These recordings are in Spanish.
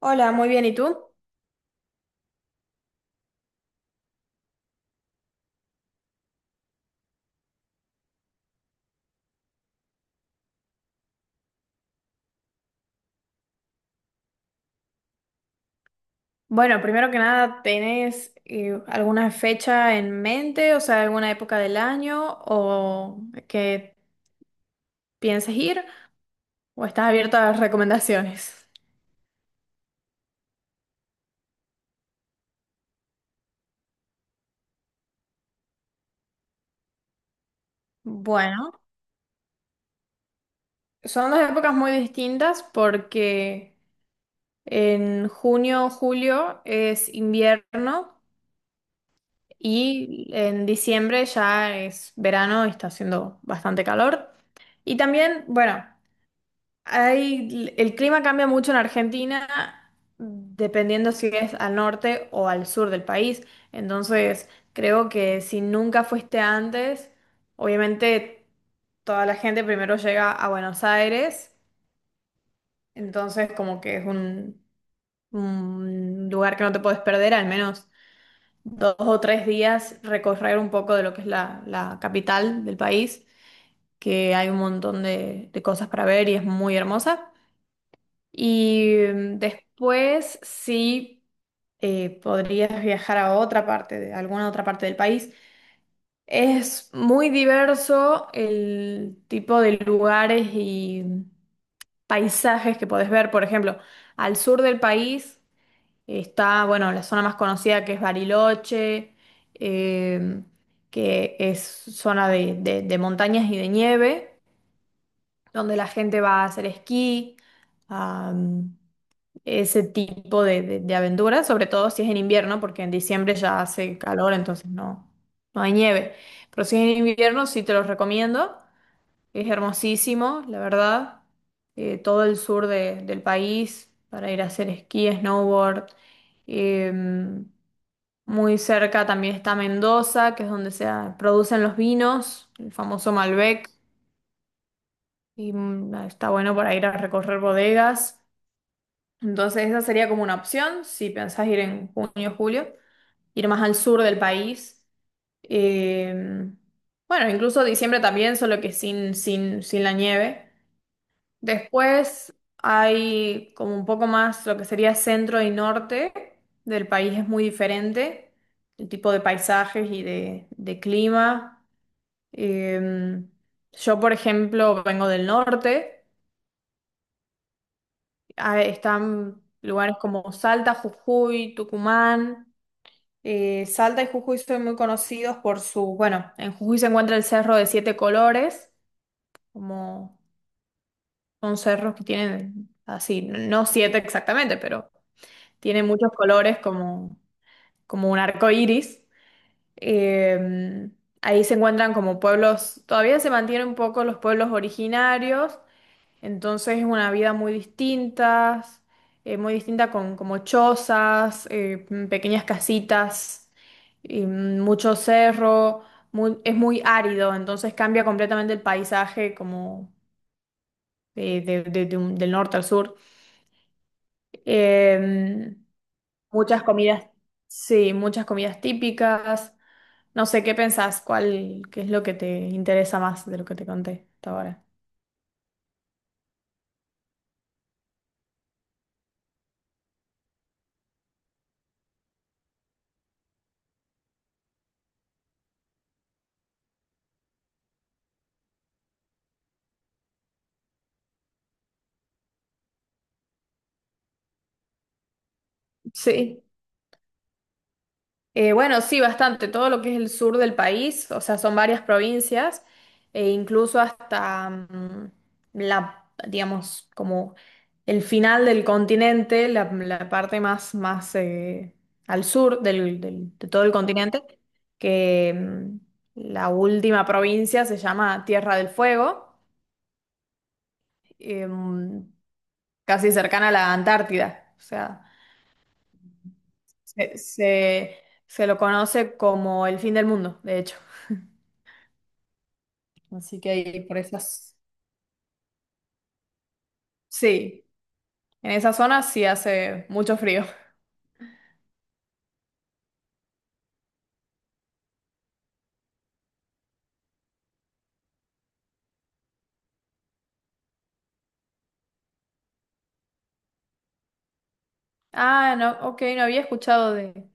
Hola, muy bien, ¿y tú? Bueno, primero que nada, ¿tenés alguna fecha en mente? O sea, ¿alguna época del año o que pienses ir o estás abierto a las recomendaciones? Bueno, son dos épocas muy distintas porque en junio, julio es invierno y en diciembre ya es verano y está haciendo bastante calor. Y también, bueno, hay, el clima cambia mucho en Argentina dependiendo si es al norte o al sur del país. Entonces, creo que si nunca fuiste antes, obviamente toda la gente primero llega a Buenos Aires. Entonces, como que es un lugar que no te puedes perder, al menos dos o tres días recorrer un poco de lo que es la capital del país, que hay un montón de cosas para ver y es muy hermosa. Y después sí podrías viajar a otra parte, de alguna otra parte del país. Es muy diverso el tipo de lugares y paisajes que podés ver. Por ejemplo, al sur del país está, bueno, la zona más conocida, que es Bariloche, eh, que es zona de, de montañas y de nieve, donde la gente va a hacer esquí, ese tipo de, de aventuras, sobre todo si es en invierno, porque en diciembre ya hace calor, entonces no, no hay nieve. Pero si es en invierno, sí te los recomiendo. Es hermosísimo, la verdad. Todo el sur del país para ir a hacer esquí, snowboard. Eh, Muy cerca también está Mendoza, que es donde se producen los vinos, el famoso Malbec. Y está bueno para ir a recorrer bodegas. Entonces esa sería como una opción si pensás ir en junio o julio, ir más al sur del país. Eh, bueno, incluso diciembre también, solo que sin la nieve. Después hay como un poco más lo que sería centro y norte del país es muy diferente, el tipo de paisajes y de clima. Eh, yo, por ejemplo, vengo del norte. Ah, están lugares como Salta, Jujuy, Tucumán. Salta y Jujuy son muy conocidos por su, bueno, en Jujuy se encuentra el Cerro de Siete Colores, como son cerros que tienen así, no siete exactamente, pero tienen muchos colores como, como un arco iris. Eh, Ahí se encuentran como pueblos, todavía se mantienen un poco los pueblos originarios. Entonces es una vida muy distinta, muy distinta, con como chozas, pequeñas casitas, y, mucho cerro, es muy árido, entonces cambia completamente el paisaje, como del norte al sur. Eh, Muchas comidas, sí, muchas comidas típicas. No sé, ¿qué pensás? ¿Cuál, qué es lo que te interesa más de lo que te conté hasta ahora? Sí. Bueno, sí, bastante. Todo lo que es el sur del país, o sea, son varias provincias, e incluso hasta la, digamos, como el final del continente, la parte más, más al sur de todo el continente, que la última provincia se llama Tierra del Fuego, em, casi cercana a la Antártida. O sea, se, se se lo conoce como el fin del mundo, de hecho. Así que ahí por esas, sí, en esa zona sí hace mucho frío. Ah, no, ok, no había escuchado de,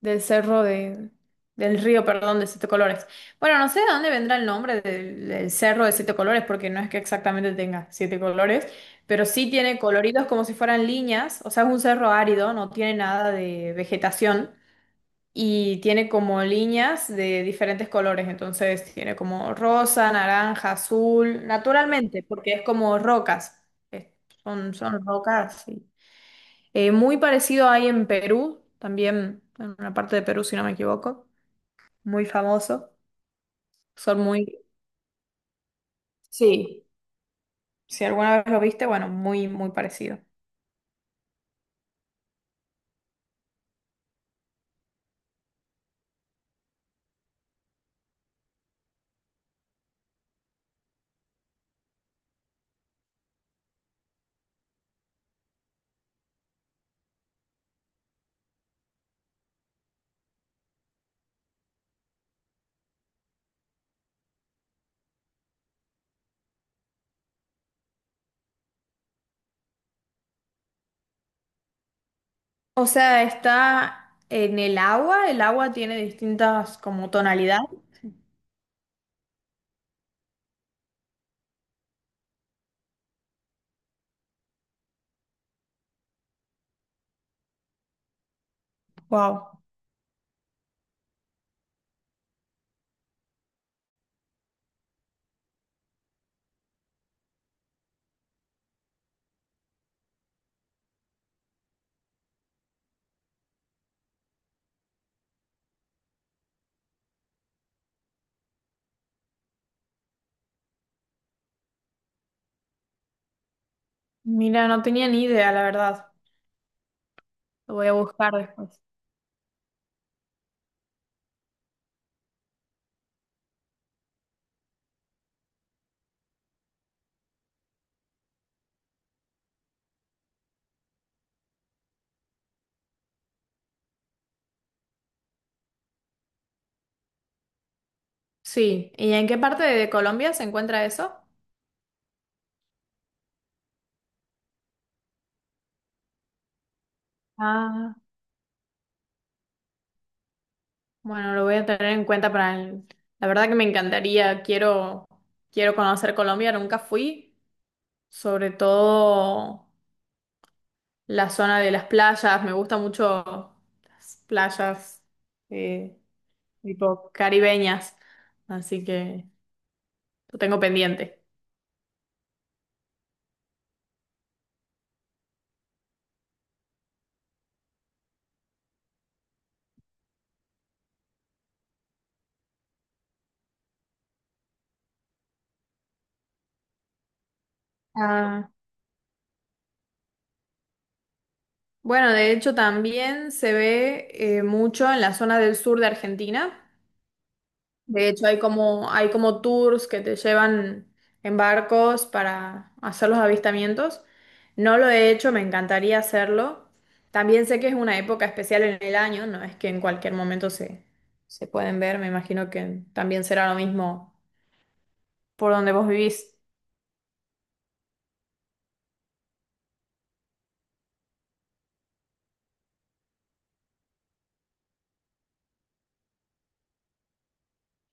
del cerro de, del río, perdón, de Siete Colores. Bueno, no sé de dónde vendrá el nombre del, del cerro de Siete Colores, porque no es que exactamente tenga siete colores, pero sí tiene coloridos como si fueran líneas, o sea, es un cerro árido, no tiene nada de vegetación. Y tiene como líneas de diferentes colores, entonces tiene como rosa, naranja, azul, naturalmente, porque es como rocas, eh, son, son rocas, sí. Muy parecido hay en Perú, también en una parte de Perú, si no me equivoco, muy famoso, son muy, sí, si alguna vez lo viste, bueno, muy, muy parecido. O sea, está en el agua tiene distintas como tonalidades. Wow. Mira, no tenía ni idea, la verdad. Lo voy a buscar después. Sí. ¿Y en qué parte de Colombia se encuentra eso? Ah, bueno, lo voy a tener en cuenta para el... La verdad que me encantaría, quiero, quiero conocer Colombia, nunca fui, sobre todo la zona de las playas, me gusta mucho las playas, eh, tipo caribeñas, así que lo tengo pendiente. Ah, bueno, de hecho también se ve mucho en la zona del sur de Argentina. De hecho, hay como tours que te llevan en barcos para hacer los avistamientos. No lo he hecho, me encantaría hacerlo. También sé que es una época especial en el año, no es que en cualquier momento se pueden ver, me imagino que también será lo mismo por donde vos vivís.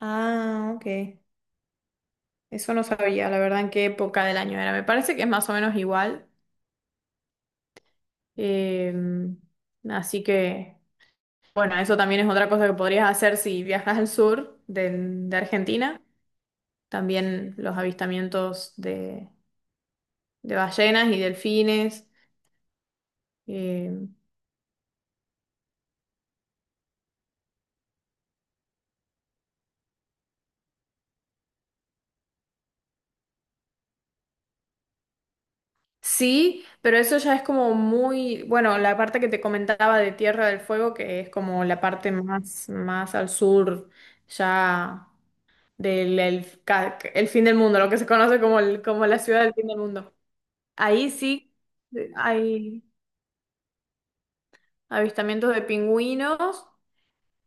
Ah, ok. Eso no sabía, la verdad, en qué época del año era. Me parece que es más o menos igual. Em, Así que... Bueno, eso también es otra cosa que podrías hacer si viajas al sur de Argentina. También los avistamientos de ballenas y delfines. Eh, sí, pero eso ya es como muy, bueno, la parte que te comentaba de Tierra del Fuego, que es como la parte más, más al sur, ya el fin del mundo, lo que se conoce como, como la ciudad del fin del mundo. Ahí sí hay avistamientos de pingüinos.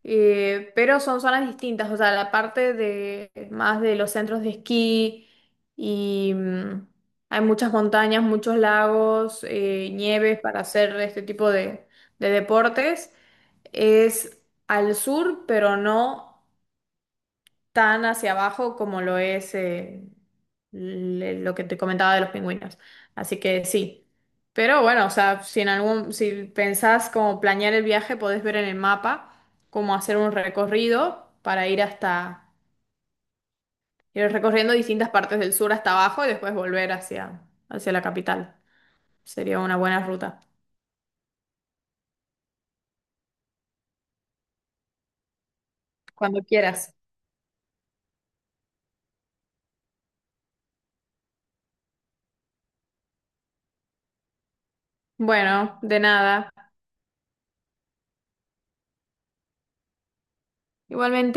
Pero son zonas distintas, o sea, la parte de más de los centros de esquí y hay muchas montañas, muchos lagos, nieves para hacer este tipo de deportes. Es al sur, pero no tan hacia abajo como lo es lo que te comentaba de los pingüinos. Así que sí. Pero bueno, o sea, si en algún, si pensás como planear el viaje, podés ver en el mapa cómo hacer un recorrido para ir hasta, ir recorriendo distintas partes del sur hasta abajo y después volver hacia, hacia la capital. Sería una buena ruta. Cuando quieras. Bueno, de nada. Igualmente.